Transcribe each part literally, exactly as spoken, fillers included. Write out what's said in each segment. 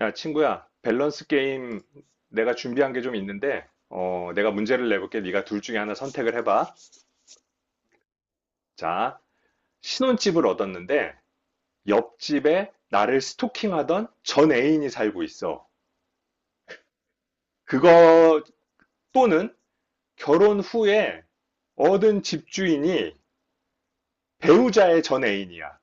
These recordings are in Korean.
야, 친구야, 밸런스 게임 내가 준비한 게 좀 있는데, 어, 내가 문제를 내볼게. 네가 둘 중에 하나 선택을 해봐. 자, 신혼집을 얻었는데, 옆집에 나를 스토킹하던 전 애인이 살고 있어. 그거 또는 결혼 후에 얻은 집주인이 배우자의 전 애인이야.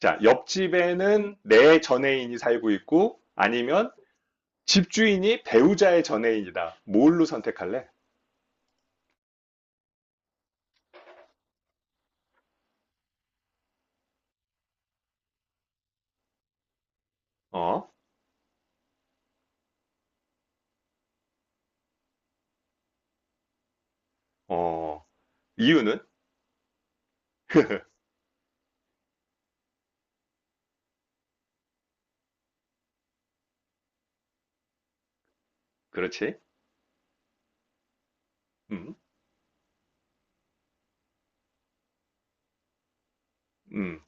자, 옆집에는 내 전 애인이 살고 있고, 아니면 집주인이 배우자의 전 애인이다. 뭘로 선택할래? 어? 어, 이유는? 그렇지? 음, 음,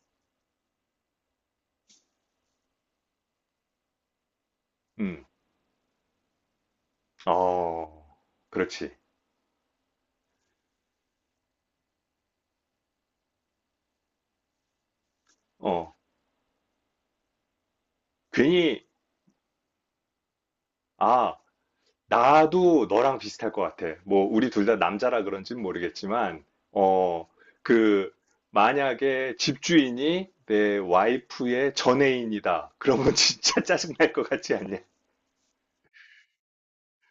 음. 어, 그렇지. 어, 괜히, 아, 나도 너랑 비슷할 것 같아. 뭐, 우리 둘 다 남자라 그런지는 모르겠지만, 어, 그, 만약에 집주인이 내 와이프의 전애인이다. 그러면 진짜 짜증날 것 같지 않냐?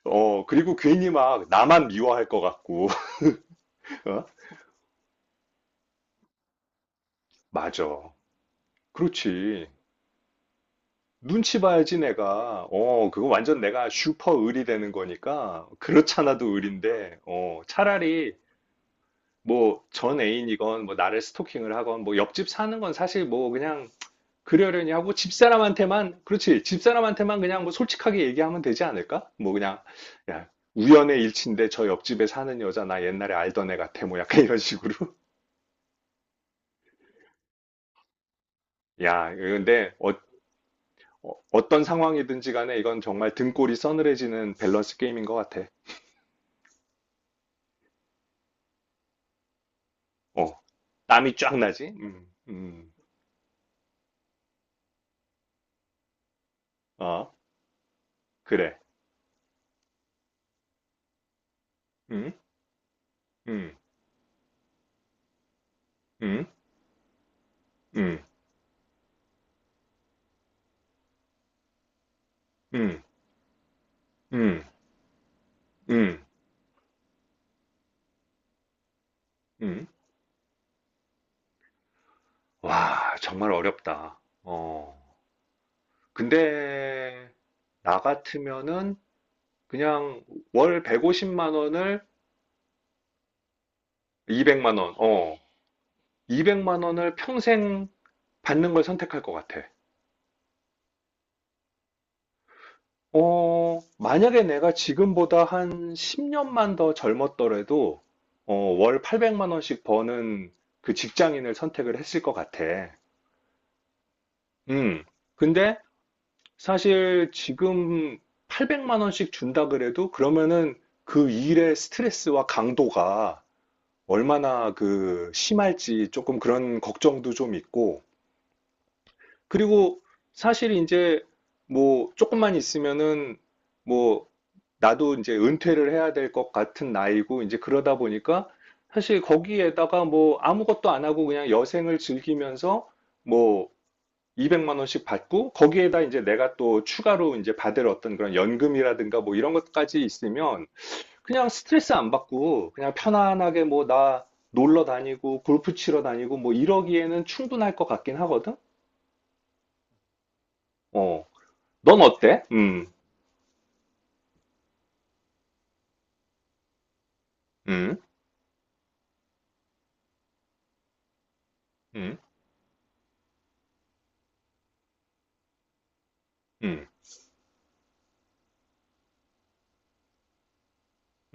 어, 그리고 괜히 막 나만 미워할 것 같고, 어? 맞아. 그렇지. 눈치 봐야지 내가. 어, 그거 완전 내가 슈퍼 을이 되는 거니까. 그렇잖아도 을인데. 어, 차라리 뭐 전 애인이건 뭐 나를 스토킹을 하건 뭐 옆집 사는 건 사실 뭐 그냥 그러려니 하고 집사람한테만 그렇지. 집사람한테만 그냥 뭐 솔직하게 얘기하면 되지 않을까? 뭐 그냥 야, 우연의 일치인데 저 옆집에 사는 여자 나 옛날에 알던 애 같아. 뭐 약간 이런 식으로. 야, 근데 어, 어- 어떤 상황이든지 간에 이건 정말 등골이 서늘해지는 밸런스 게임인 것 같아. 어, 땀이 쫙 나지? 음, 음, 아, 그래. 음, 음, 음, 음, 음, 음, 음, 음. 와, 정말 어렵다. 어, 근데, 나 같으면은, 그냥 월 백오십만 원을 이백만 원, 어, 이백만 원을 평생 받는 걸 선택할 것 같아. 어, 만약에 내가 지금보다 한 십 년만 더 젊었더라도, 어, 월 팔백만 원씩 버는 그 직장인을 선택을 했을 것 같아. 음. 근데 사실 지금 팔백만 원씩 준다 그래도 그러면은 그 일의 스트레스와 강도가 얼마나 그 심할지 조금 그런 걱정도 좀 있고. 그리고 사실 이제 뭐 조금만 있으면은 뭐 나도 이제 은퇴를 해야 될 것 같은 나이고, 이제 그러다 보니까 사실 거기에다가 뭐 아무것도 안 하고 그냥 여생을 즐기면서 뭐 이백만 원씩 받고, 거기에다 이제 내가 또 추가로 이제 받을 어떤 그런 연금이라든가 뭐 이런 것까지 있으면 그냥 스트레스 안 받고, 그냥 편안하게 뭐 나 놀러 다니고, 골프 치러 다니고 뭐 이러기에는 충분할 것 같긴 하거든? 어. 넌 어때? 음, 음, 음, 음,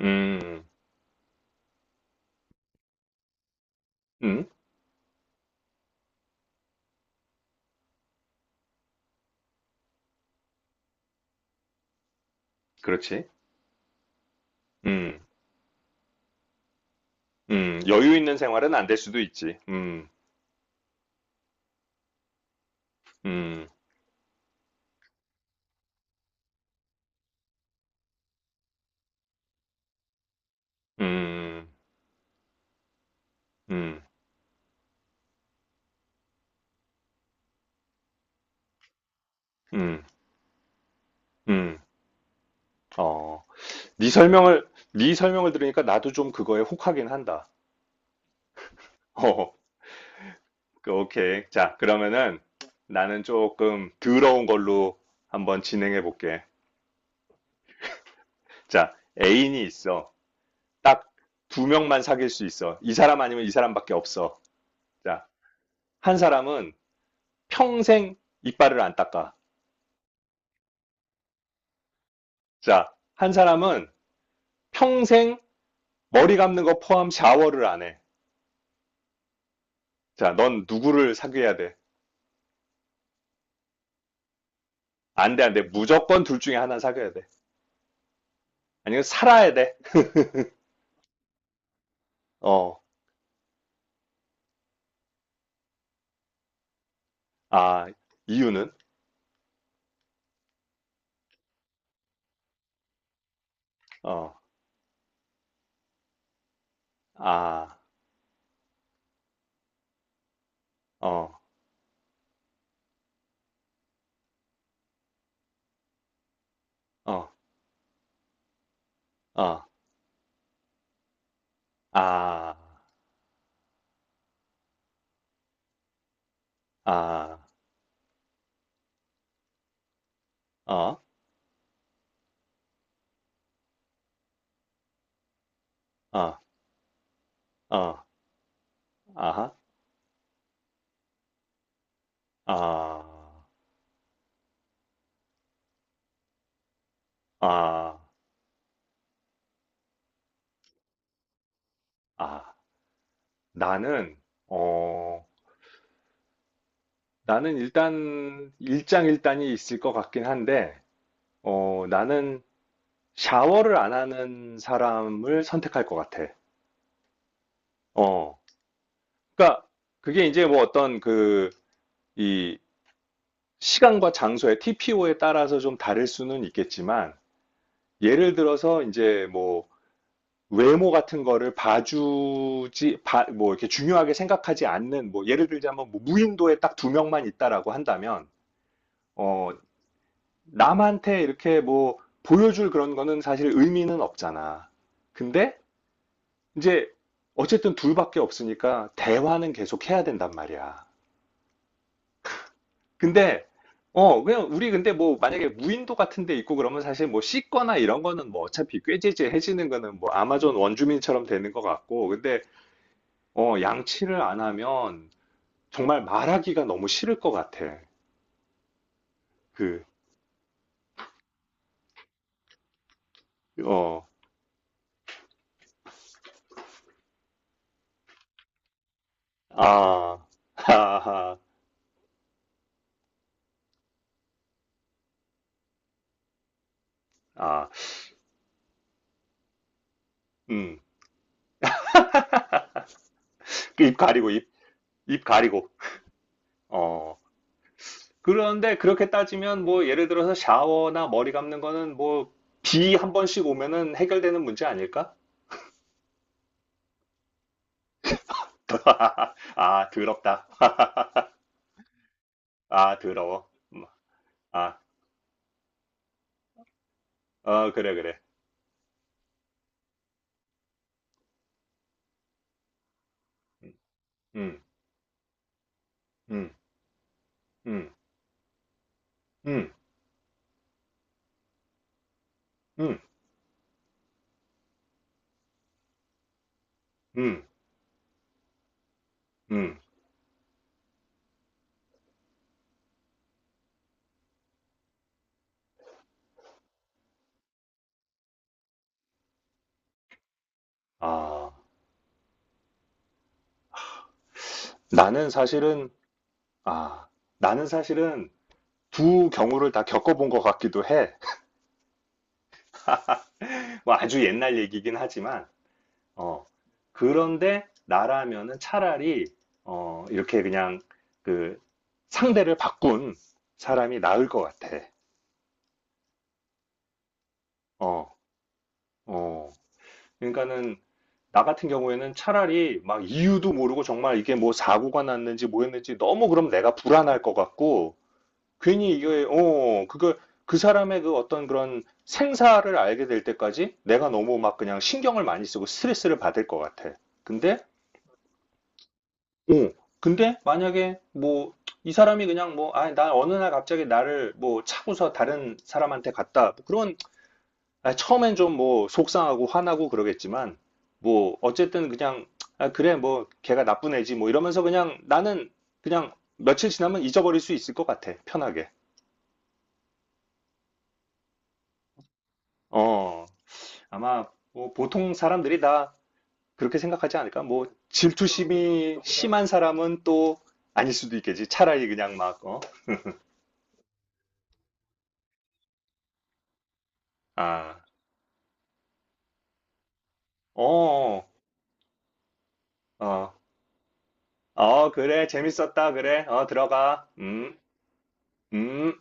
음, 음, 그렇지. 음. 음, 여유 있는 생활은 안될 수도 있지. 음, 음, 음, 음, 음, 음. 어, 네 설명을 네 설명을 들으니까 나도 좀 그거에 혹하긴 한다. 어, 그, 오케이. 자, 그러면은 나는 조금 더러운 걸로 한번 진행해 볼게. 자, 애인이 있어. 딱 두 명만 사귈 수 있어. 이 사람 아니면 이 사람밖에 없어. 자, 한 사람은 평생 이빨을 안 닦아. 자, 한 사람은 평생 머리 감는 거 포함 샤워를 안 해. 자, 넌 누구를 사귀어야 돼? 안 돼, 안 돼. 무조건 둘 중에 하나 사귀어야 돼. 아니면 살아야 돼. 어, 아, 이유는? 어, 아, 어, 어, 어, 아, 아, 어, 어, 어, 아하, 아, 아, 아. 나는, 어, 나는 일단 일장일단이 있을 것 같긴 한데, 어, 나는 샤워를 안 하는 사람을 선택할 것 같아. 어. 그러니까 그게 이제 뭐 어떤 그 이 시간과 장소의 티피오에 따라서 좀 다를 수는 있겠지만 예를 들어서 이제 뭐 외모 같은 거를 봐주지 봐- 뭐 이렇게 중요하게 생각하지 않는 뭐 예를 들자면 뭐 무인도에 딱 두 명만 있다라고 한다면 어 남한테 이렇게 뭐 보여줄 그런 거는 사실 의미는 없잖아. 근데 이제 어쨌든 둘밖에 없으니까 대화는 계속 해야 된단 말이야. 근데 어 그냥 우리 근데 뭐 만약에 무인도 같은 데 있고 그러면 사실 뭐 씻거나 이런 거는 뭐 어차피 꾀지지해지는 거는 뭐 아마존 원주민처럼 되는 것 같고 근데 어 양치를 안 하면 정말 말하기가 너무 싫을 것 같아. 그어 아, 하하, 아, 음, 입 가리고 입, 입 가리고 어. 그런데 그렇게 따지면 뭐 예를 들어서 샤워나 머리 감는 거는 뭐 비 한 번씩 오면은 해결되는 문제 아닐까? 아, 더럽다. 아, 더러워. 음, 아, 어, 그래, 그래. 음, 음, 음, 음, 음, 음, 음. 아, 나는 사실은, 아, 나는 사실은 두 경우를 다 겪어본 것 같기도 해. 뭐 아주 옛날 얘기긴 하지만. 어. 그런데 나라면은 차라리 어, 이렇게 그냥 그 상대를 바꾼 사람이 나을 것 같아. 어, 어. 그러니까는 나 같은 경우에는 차라리 막 이유도 모르고 정말 이게 뭐 사고가 났는지 뭐였는지 너무 그럼 내가 불안할 것 같고 괜히 이게 어, 그거 그 사람의 그 어떤 그런 생사를 알게 될 때까지 내가 너무 막 그냥 신경을 많이 쓰고 스트레스를 받을 것 같아. 근데 어. 근데 만약에 뭐 이 사람이 그냥 뭐 아, 나 어느 날 갑자기 나를 뭐 차고서 다른 사람한테 갔다. 뭐 그런 아, 처음엔 좀 뭐 속상하고 화나고 그러겠지만 뭐 어쨌든 그냥 아, 그래 뭐 걔가 나쁜 애지 뭐 이러면서 그냥 나는 그냥 며칠 지나면 잊어버릴 수 있을 것 같아. 편하게. 어. 아마 뭐 보통 사람들이 다 그렇게 생각하지 않을까? 뭐 질투심이 심한 사람은 또 아닐 수도 있겠지. 차라리 그냥 막 어. 아. 어. 어, 어, 그래, 재밌었다, 그래, 어, 들어가, 음, 음.